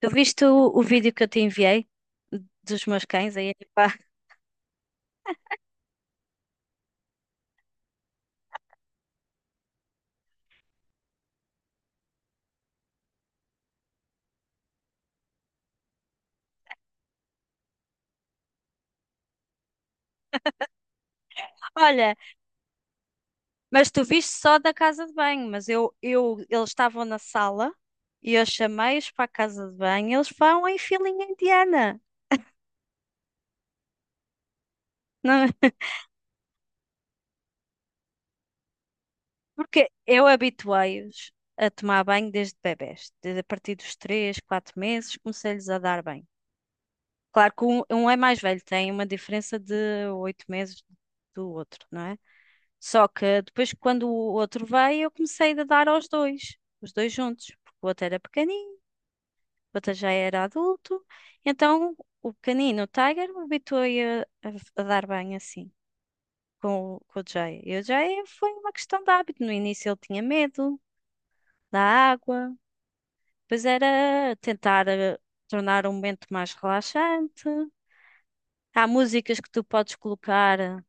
Tu viste o vídeo que eu te enviei dos meus cães aí? Pá. Olha, mas tu viste só da casa de banho, mas eu eles estavam na sala e eu chamei-os para a casa de banho, eles vão em filinha indiana. Não- Porque eu habituei-os a tomar banho desde bebés, desde a partir dos 3, 4 meses, comecei-lhes a dar banho. Claro que um é mais velho, tem uma diferença de 8 meses do outro, não é? Só que depois, quando o outro veio, eu comecei a dar aos dois, os dois juntos, porque o outro era pequenino, o outro já era adulto. Então, o pequenino, o Tiger, habituou-se a dar bem assim, com o Jay. E o Jay foi uma questão de hábito. No início, ele tinha medo da água, depois era tentar tornar um momento mais relaxante. Há músicas que tu podes colocar,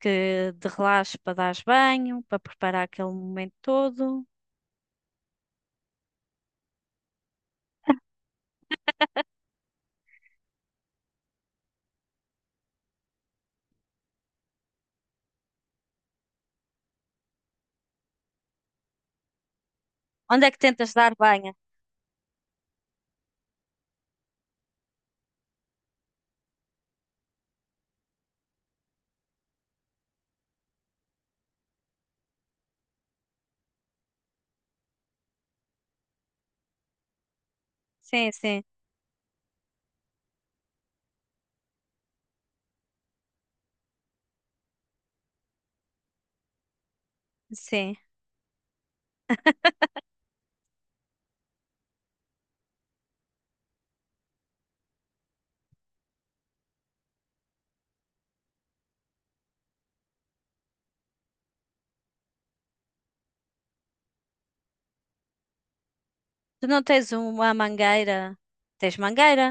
que de relaxe para dar banho, para preparar aquele momento todo. Onde é que tentas dar banho? Sim, sim, sim. Tu não tens uma mangueira? Tens mangueira?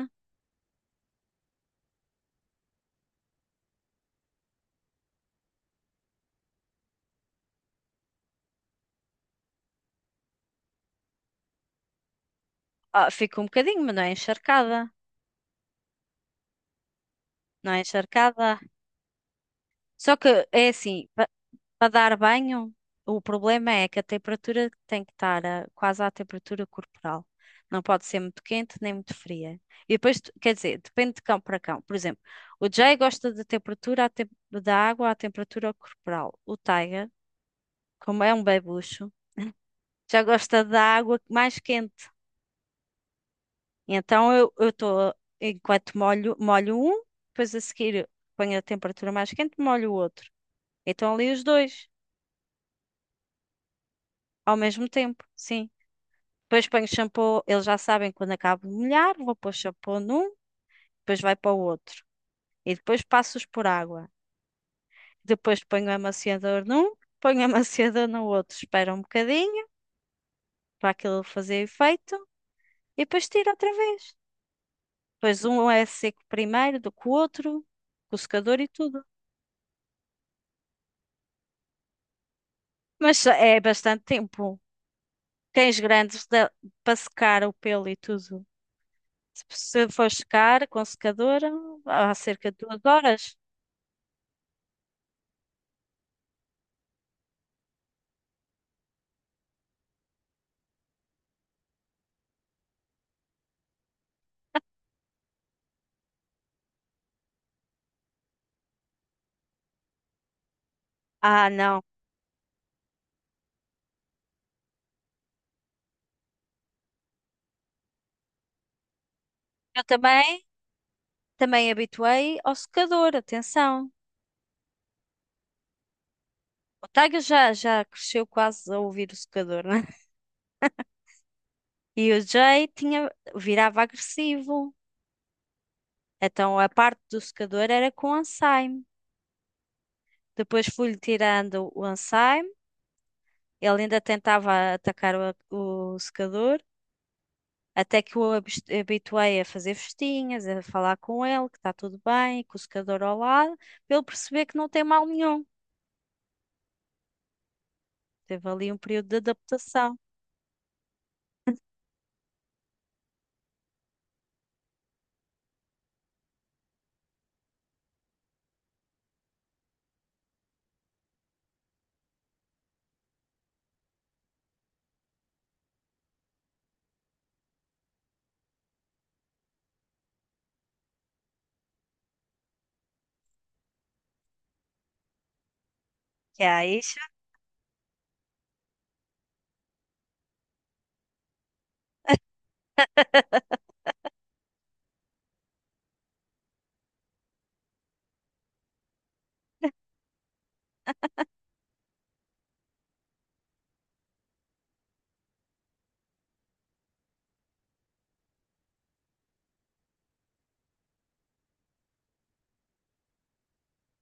Ah, fica um bocadinho, mas não é encharcada. Não é encharcada. Só que é assim, para dar banho, o problema é que a temperatura tem que estar quase à temperatura corporal. Não pode ser muito quente nem muito fria. E depois, quer dizer, depende de cão para cão. Por exemplo, o Jay gosta da temperatura, da água à temperatura corporal. O Tiger, como é um bebucho, já gosta da água mais quente. Então eu estou, enquanto molho, molho um, depois a seguir ponho a temperatura mais quente, molho o outro. Então ali os dois, ao mesmo tempo, sim. Depois ponho shampoo, eles já sabem quando acabo de molhar, vou pôr shampoo num, depois vai para o outro. E depois passo-os por água. Depois ponho amaciador num, ponho amaciador no outro, espero um bocadinho para aquilo fazer efeito e depois tiro outra vez. Pois um é seco primeiro do que o outro, com o secador e tudo. Mas é bastante tempo. Cães grandes para secar o pelo e tudo. Se for secar com secador, há cerca de 2 horas. Ah, não. Eu também, também habituei ao secador, atenção. O Tiger já cresceu quase a ouvir o secador, né? E o Jay tinha, virava agressivo. Então a parte do secador era com ensaio. Depois fui-lhe tirando o ensaio. Ele ainda tentava atacar o secador, até que habituei a fazer festinhas, a falar com ele, que está tudo bem, com o secador ao lado, para ele perceber que não tem mal nenhum. Teve ali um período de adaptação. Que há isso,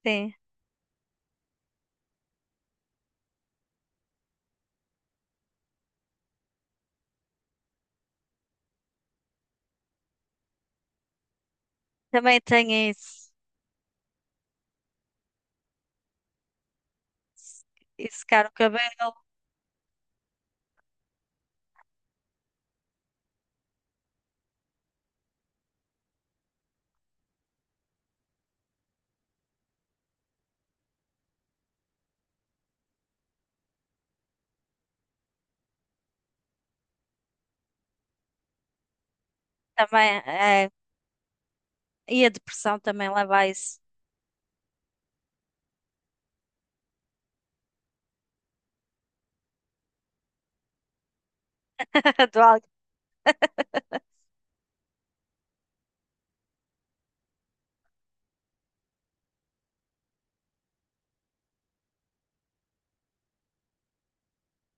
sim. Também tem isso. E secar o cabelo também é, e a depressão também leva a isso. Do algo,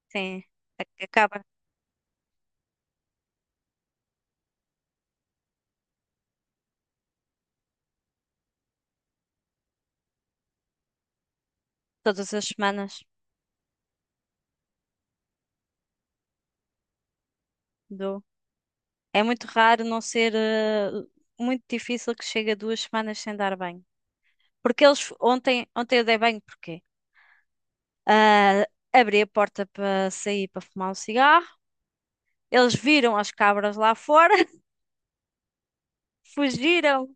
sim. Acaba todas as semanas. Do. É muito raro não ser, muito difícil que chegue a 2 semanas sem dar banho. Porque ontem eu dei banho porque ah, abri a porta para sair para fumar um cigarro. Eles viram as cabras lá fora, fugiram,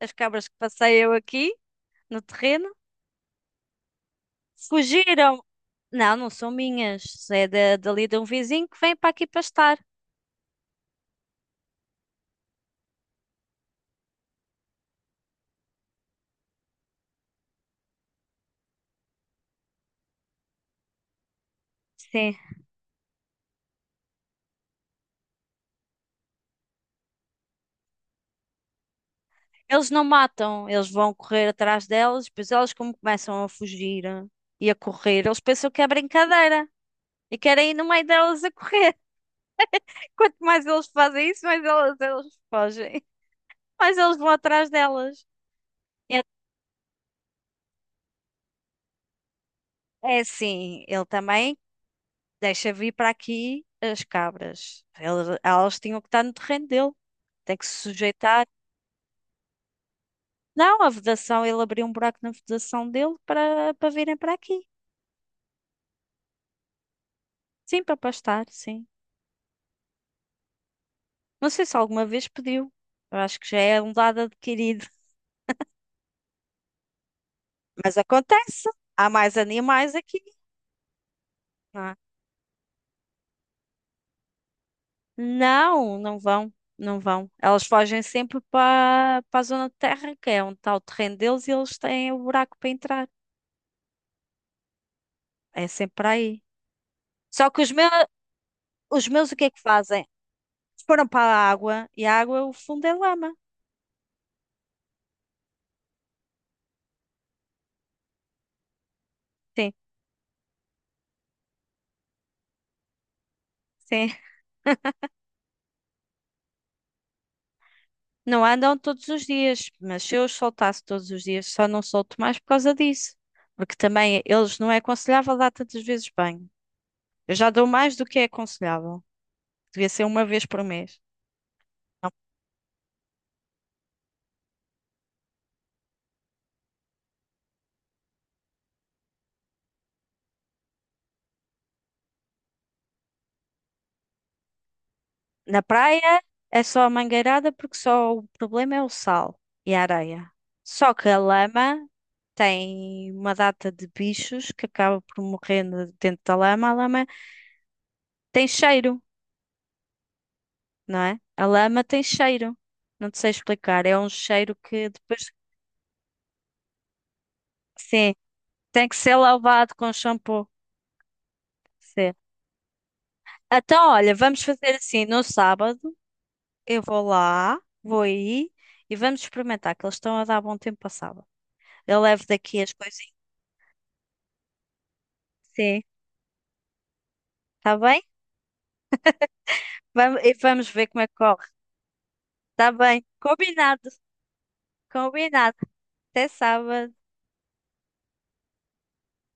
as cabras que passei eu aqui no terreno, fugiram. Não, não são minhas, é dali de um vizinho que vem para aqui pastar. Sim. Eles não matam, eles vão correr atrás delas, depois elas como começam a fugir, e a correr, eles pensam que é brincadeira e querem ir no meio delas a correr. Quanto mais eles fazem isso, mais elas fogem, mais eles vão atrás delas. É, é assim, ele também deixa vir para aqui as cabras. Elas tinham que estar no terreno dele, tem que se sujeitar. Não, a vedação, ele abriu um buraco na vedação dele para virem para aqui. Sim, para pastar, sim. Não sei se alguma vez pediu. Eu acho que já é um dado adquirido. Mas acontece. Há mais animais aqui, não é? Não, não vão. Não vão. Elas fogem sempre para a zona de terra, que é onde está o terreno deles, e eles têm o buraco para entrar. É sempre para aí. Só que os meus o que é que fazem? Foram para a água e a água, o fundo é lama. Sim, sim. Não andam todos os dias, mas se eu os soltasse todos os dias, só não solto mais por causa disso. Porque também eles não é aconselhável dar tantas vezes banho. Eu já dou mais do que é aconselhável. Devia ser uma vez por mês. Não. Na praia é só a mangueirada porque só o problema é o sal e a areia. Só que a lama tem uma data de bichos que acaba por morrer dentro da lama. A lama tem cheiro, não é? A lama tem cheiro. Não te sei explicar. É um cheiro que depois. Sim, tem que ser lavado com shampoo. Sim. Então, olha, vamos fazer assim, no sábado eu vou lá, vou aí e vamos experimentar, que eles estão a dar bom tempo para sábado. Eu levo daqui as coisinhas. Sim, está bem? Vamos, e vamos ver como é que corre. Está bem, combinado, combinado. Até sábado.